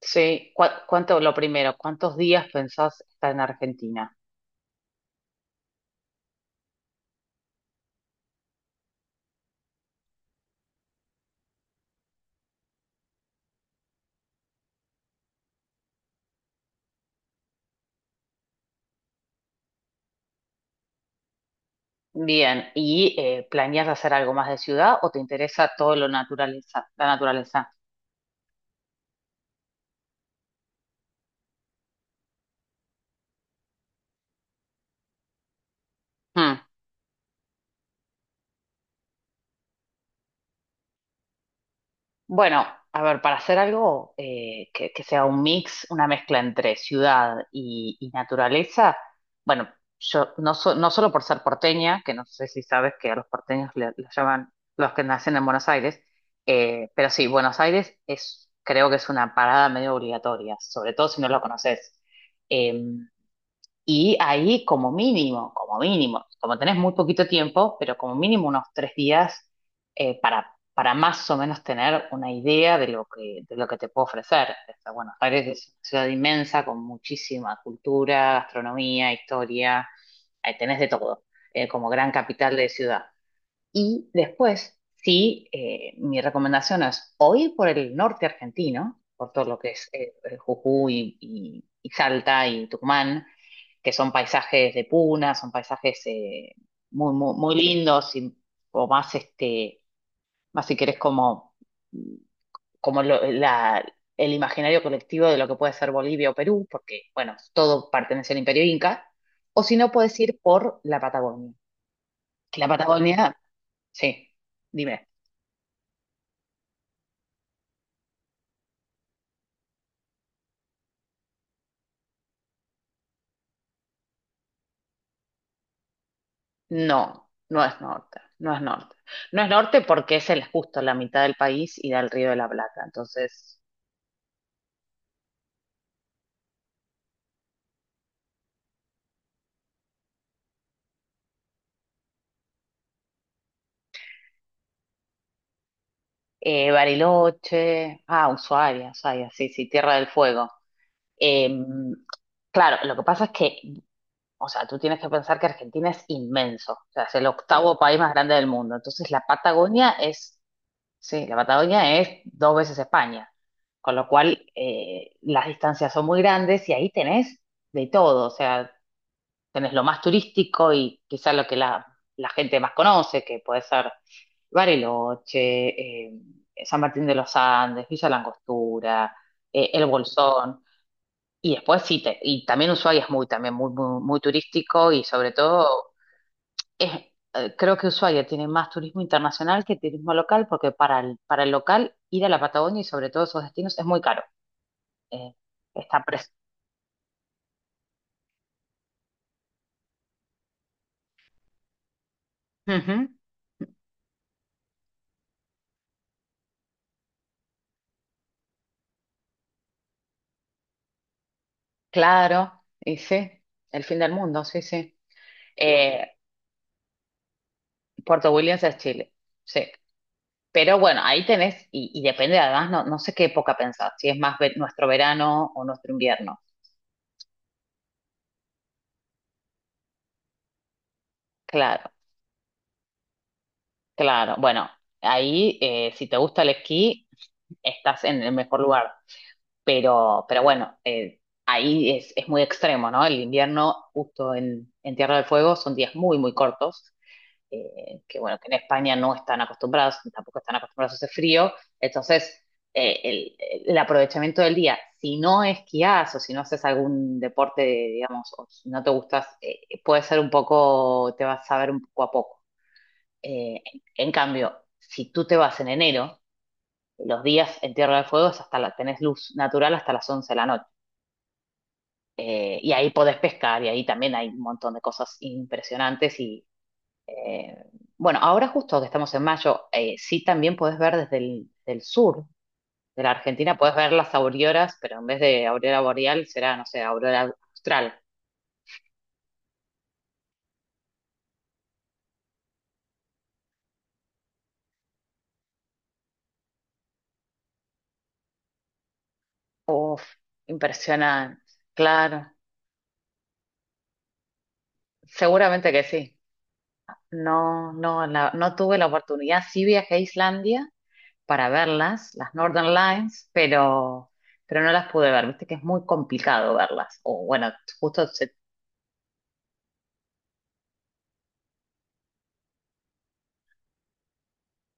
Sí. Lo primero, ¿cuántos días pensás estar en Argentina? Bien, ¿y planeas hacer algo más de ciudad o te interesa todo lo naturaleza, la naturaleza? Hmm. Bueno, a ver, para hacer algo que sea un mix, una mezcla entre ciudad y naturaleza, bueno, yo no, no solo por ser porteña, que no sé si sabes que a los porteños los llaman los que nacen en Buenos Aires, pero sí, Buenos Aires es, creo que es una parada medio obligatoria, sobre todo si no lo conoces. Em, y ahí como mínimo, como mínimo, como tenés muy poquito tiempo, pero como mínimo unos 3 días, para más o menos tener una idea de lo que te puedo ofrecer. O sea, Buenos Aires es una ciudad inmensa con muchísima cultura, gastronomía, historia. Tenés de todo, como gran capital de ciudad. Y después, sí, mi recomendación es o ir por el norte argentino, por todo lo que es Jujuy y Salta y Tucumán, que son paisajes de puna, son paisajes muy, muy, muy lindos, y, o más, este, más si querés como, como el imaginario colectivo de lo que puede ser Bolivia o Perú, porque, bueno, todo pertenece al Imperio Inca, o si no, puedes ir por la Patagonia. Que la Patagonia, sí, dime. No, no es norte, no es norte. No es norte porque es el, justo la mitad del país y da al Río de la Plata. Entonces, Bariloche, ah, Ushuaia, Ushuaia, sí, sí, Tierra del Fuego. Eh, claro, lo que pasa es que, o sea, tú tienes que pensar que Argentina es inmenso, o sea, es el octavo país más grande del mundo. Entonces, la Patagonia es, sí, la Patagonia es dos veces España, con lo cual las distancias son muy grandes y ahí tenés de todo, o sea tenés lo más turístico y quizá lo que la gente más conoce, que puede ser Bariloche, eh, San Martín de los Andes, Villa La Angostura, El Bolsón. Y después sí, y también Ushuaia es muy, también muy, muy, muy turístico y sobre todo es, creo que Ushuaia tiene más turismo internacional que turismo local porque para el local ir a la Patagonia y sobre todo esos destinos es muy caro. Eh, Está preso. Ujú. Claro, y sí, el fin del mundo, sí, sí. Eh, Puerto Williams es Chile, sí. Pero bueno, ahí tenés, y depende además, no, no sé qué época pensás, si es más nuestro verano o nuestro invierno. Claro, claro. Bueno, ahí si te gusta el esquí, estás en el mejor lugar. Pero bueno, ahí es muy extremo, ¿no? El invierno, justo en Tierra del Fuego, son días muy, muy cortos. Que bueno, que en España no están acostumbrados, tampoco están acostumbrados a ese frío, entonces eh, el, el aprovechamiento del día, si no esquías o si no haces algún deporte, digamos, o si no te gustas, puede ser un poco, te vas a ver un poco a poco. En cambio, si tú te vas en enero, los días en Tierra del Fuego es hasta tenés luz natural hasta las 11 de la noche. Y ahí podés pescar y ahí también hay un montón de cosas impresionantes y, eh, bueno, ahora justo que estamos en mayo, sí también podés ver desde el del sur de la Argentina, podés ver las auroras, pero en vez de aurora boreal será, no sé, aurora austral. Impresionante, claro, seguramente que sí. No, no, no tuve la oportunidad, sí viajé a Islandia para verlas, las Northern Lines, pero no las pude ver, viste que es muy complicado verlas. O bueno, justo se...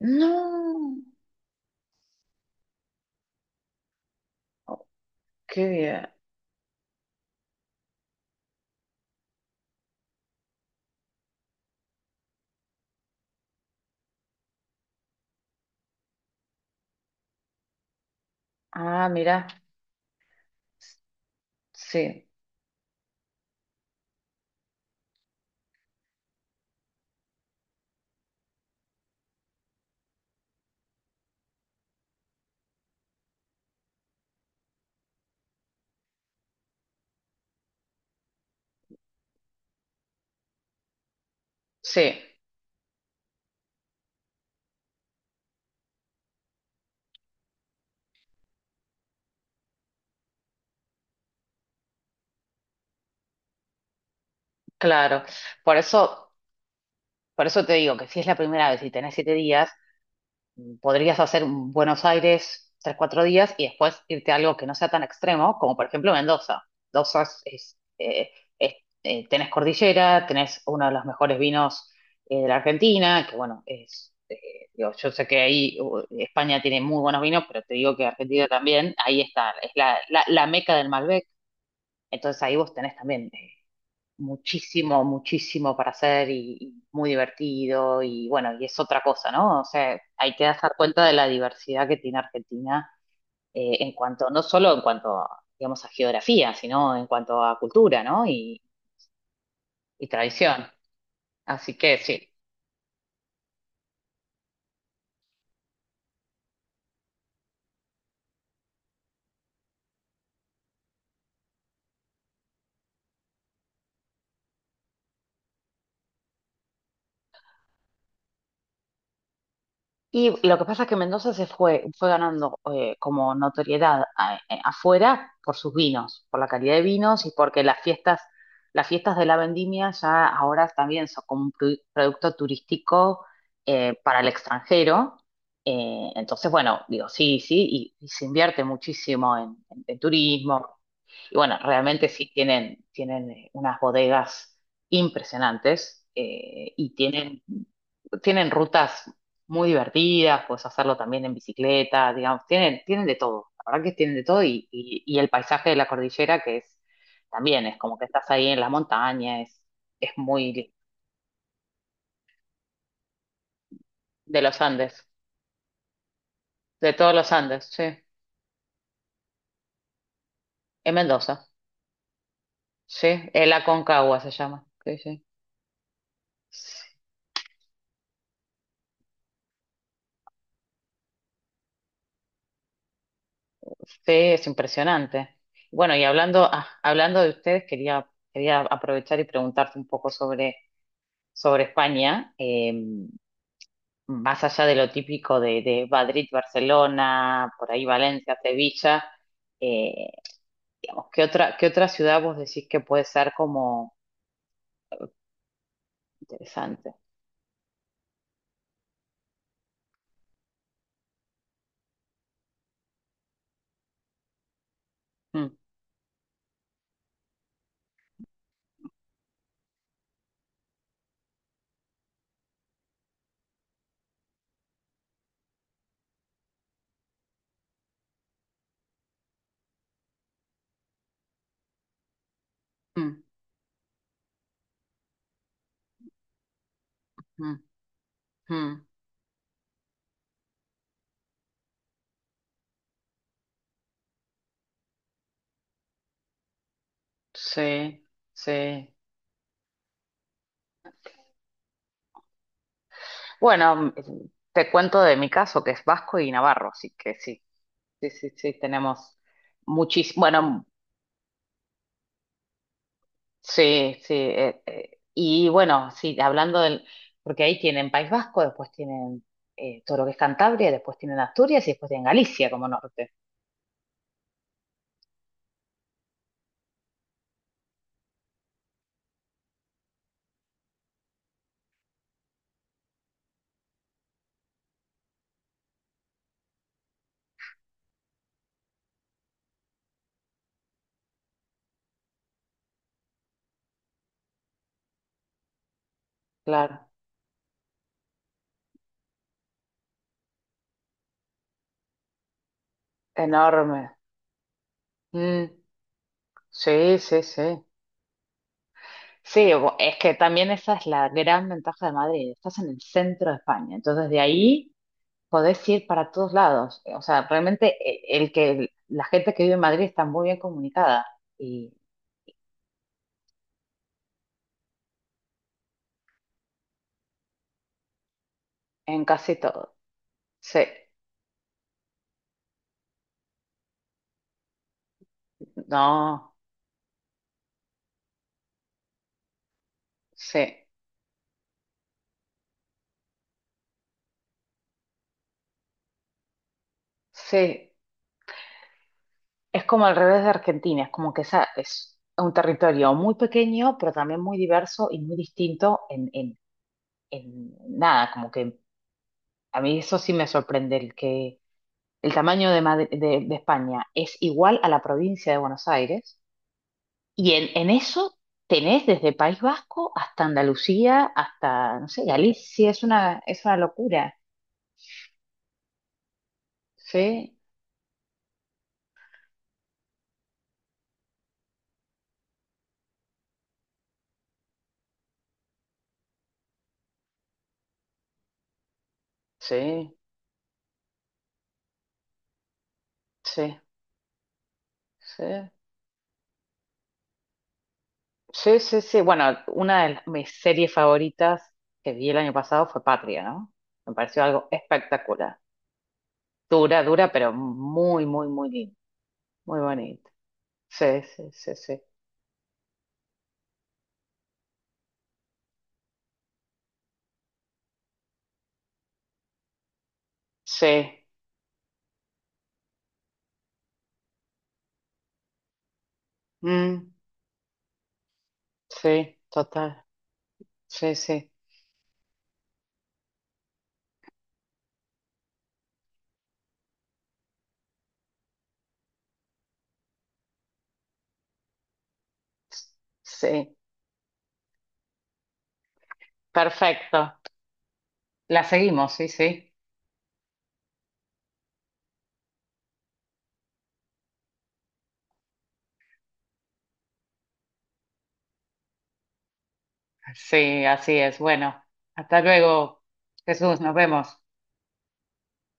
no, oh, qué bien. Ah, mira, sí. Sí, claro. Por eso, por eso te digo que si es la primera vez y tenés 7 días, podrías hacer un Buenos Aires 3, 4 días y después irte a algo que no sea tan extremo, como por ejemplo Mendoza. Mendoza es- tenés cordillera, tenés uno de los mejores vinos de la Argentina, que bueno, digo, yo sé que ahí España tiene muy buenos vinos, pero te digo que Argentina también, ahí está, es la meca del Malbec, entonces ahí vos tenés también. Muchísimo, muchísimo para hacer y muy divertido y bueno, y es otra cosa, ¿no? O sea, hay que dar cuenta de la diversidad que tiene Argentina en cuanto, no solo en cuanto, digamos, a geografía, sino en cuanto a cultura, ¿no? Y tradición. Así que sí. Y lo que pasa es que Mendoza se fue ganando como notoriedad afuera por sus vinos, por la calidad de vinos y porque las fiestas de la vendimia ya ahora también son como un producto turístico para el extranjero. Entonces, bueno, digo, sí, sí, y se invierte muchísimo en, en turismo, y bueno, realmente sí tienen unas bodegas impresionantes y tienen rutas muy divertidas, puedes hacerlo también en bicicleta, digamos, tienen de todo, la verdad que tienen de todo y el paisaje de la cordillera que es también, es como que estás ahí en la montaña, es muy lindo. De los Andes, de todos los Andes, sí, en Mendoza, sí, el Aconcagua se llama, sí, sí. Sí, es impresionante. Bueno, y hablando, ah, hablando de ustedes, quería aprovechar y preguntarte un poco sobre, España, más allá de lo típico de, Madrid, Barcelona, por ahí Valencia, Sevilla, eh, digamos, ¿qué otra ciudad vos decís que puede ser como interesante? Mm, mm, mm, mm. Sí, sí. Bueno, te cuento de mi caso, que es vasco y navarro, así que sí, sí, sí, sí, tenemos muchísimo. Bueno, sí, sí. Y bueno, sí, hablando del. Porque ahí tienen País Vasco, después tienen todo lo que es Cantabria, después tienen Asturias y después tienen Galicia como norte. Claro, enorme. Mm, sí, sí, sí. Sí, es que también esa es la gran ventaja de Madrid. Estás en el centro de España, entonces de ahí podés ir para todos lados. O sea, realmente el que la gente que vive en Madrid está muy bien comunicada. Y en casi todo. Sí. No, sí. Sí. Es como al revés de Argentina, es como que esa es un territorio muy pequeño, pero también muy diverso y muy distinto en, nada, como que a mí eso sí me sorprende, el que el tamaño de, de España es igual a la provincia de Buenos Aires y en eso tenés desde País Vasco hasta Andalucía, hasta, no sé, Galicia, es una locura. Sí, sí, sí. Sí, sí, sí, sí. Bueno, una de mis series favoritas que vi el año pasado fue Patria, ¿no? Me pareció algo espectacular. Dura, dura, pero muy, muy, muy linda. Muy bonita. Sí, sí, sí, sí. Sí, mm, sí, total. Sí, sí. Sí, perfecto. La seguimos, sí, sí. Sí, así es. Bueno, hasta luego, Jesús, nos vemos.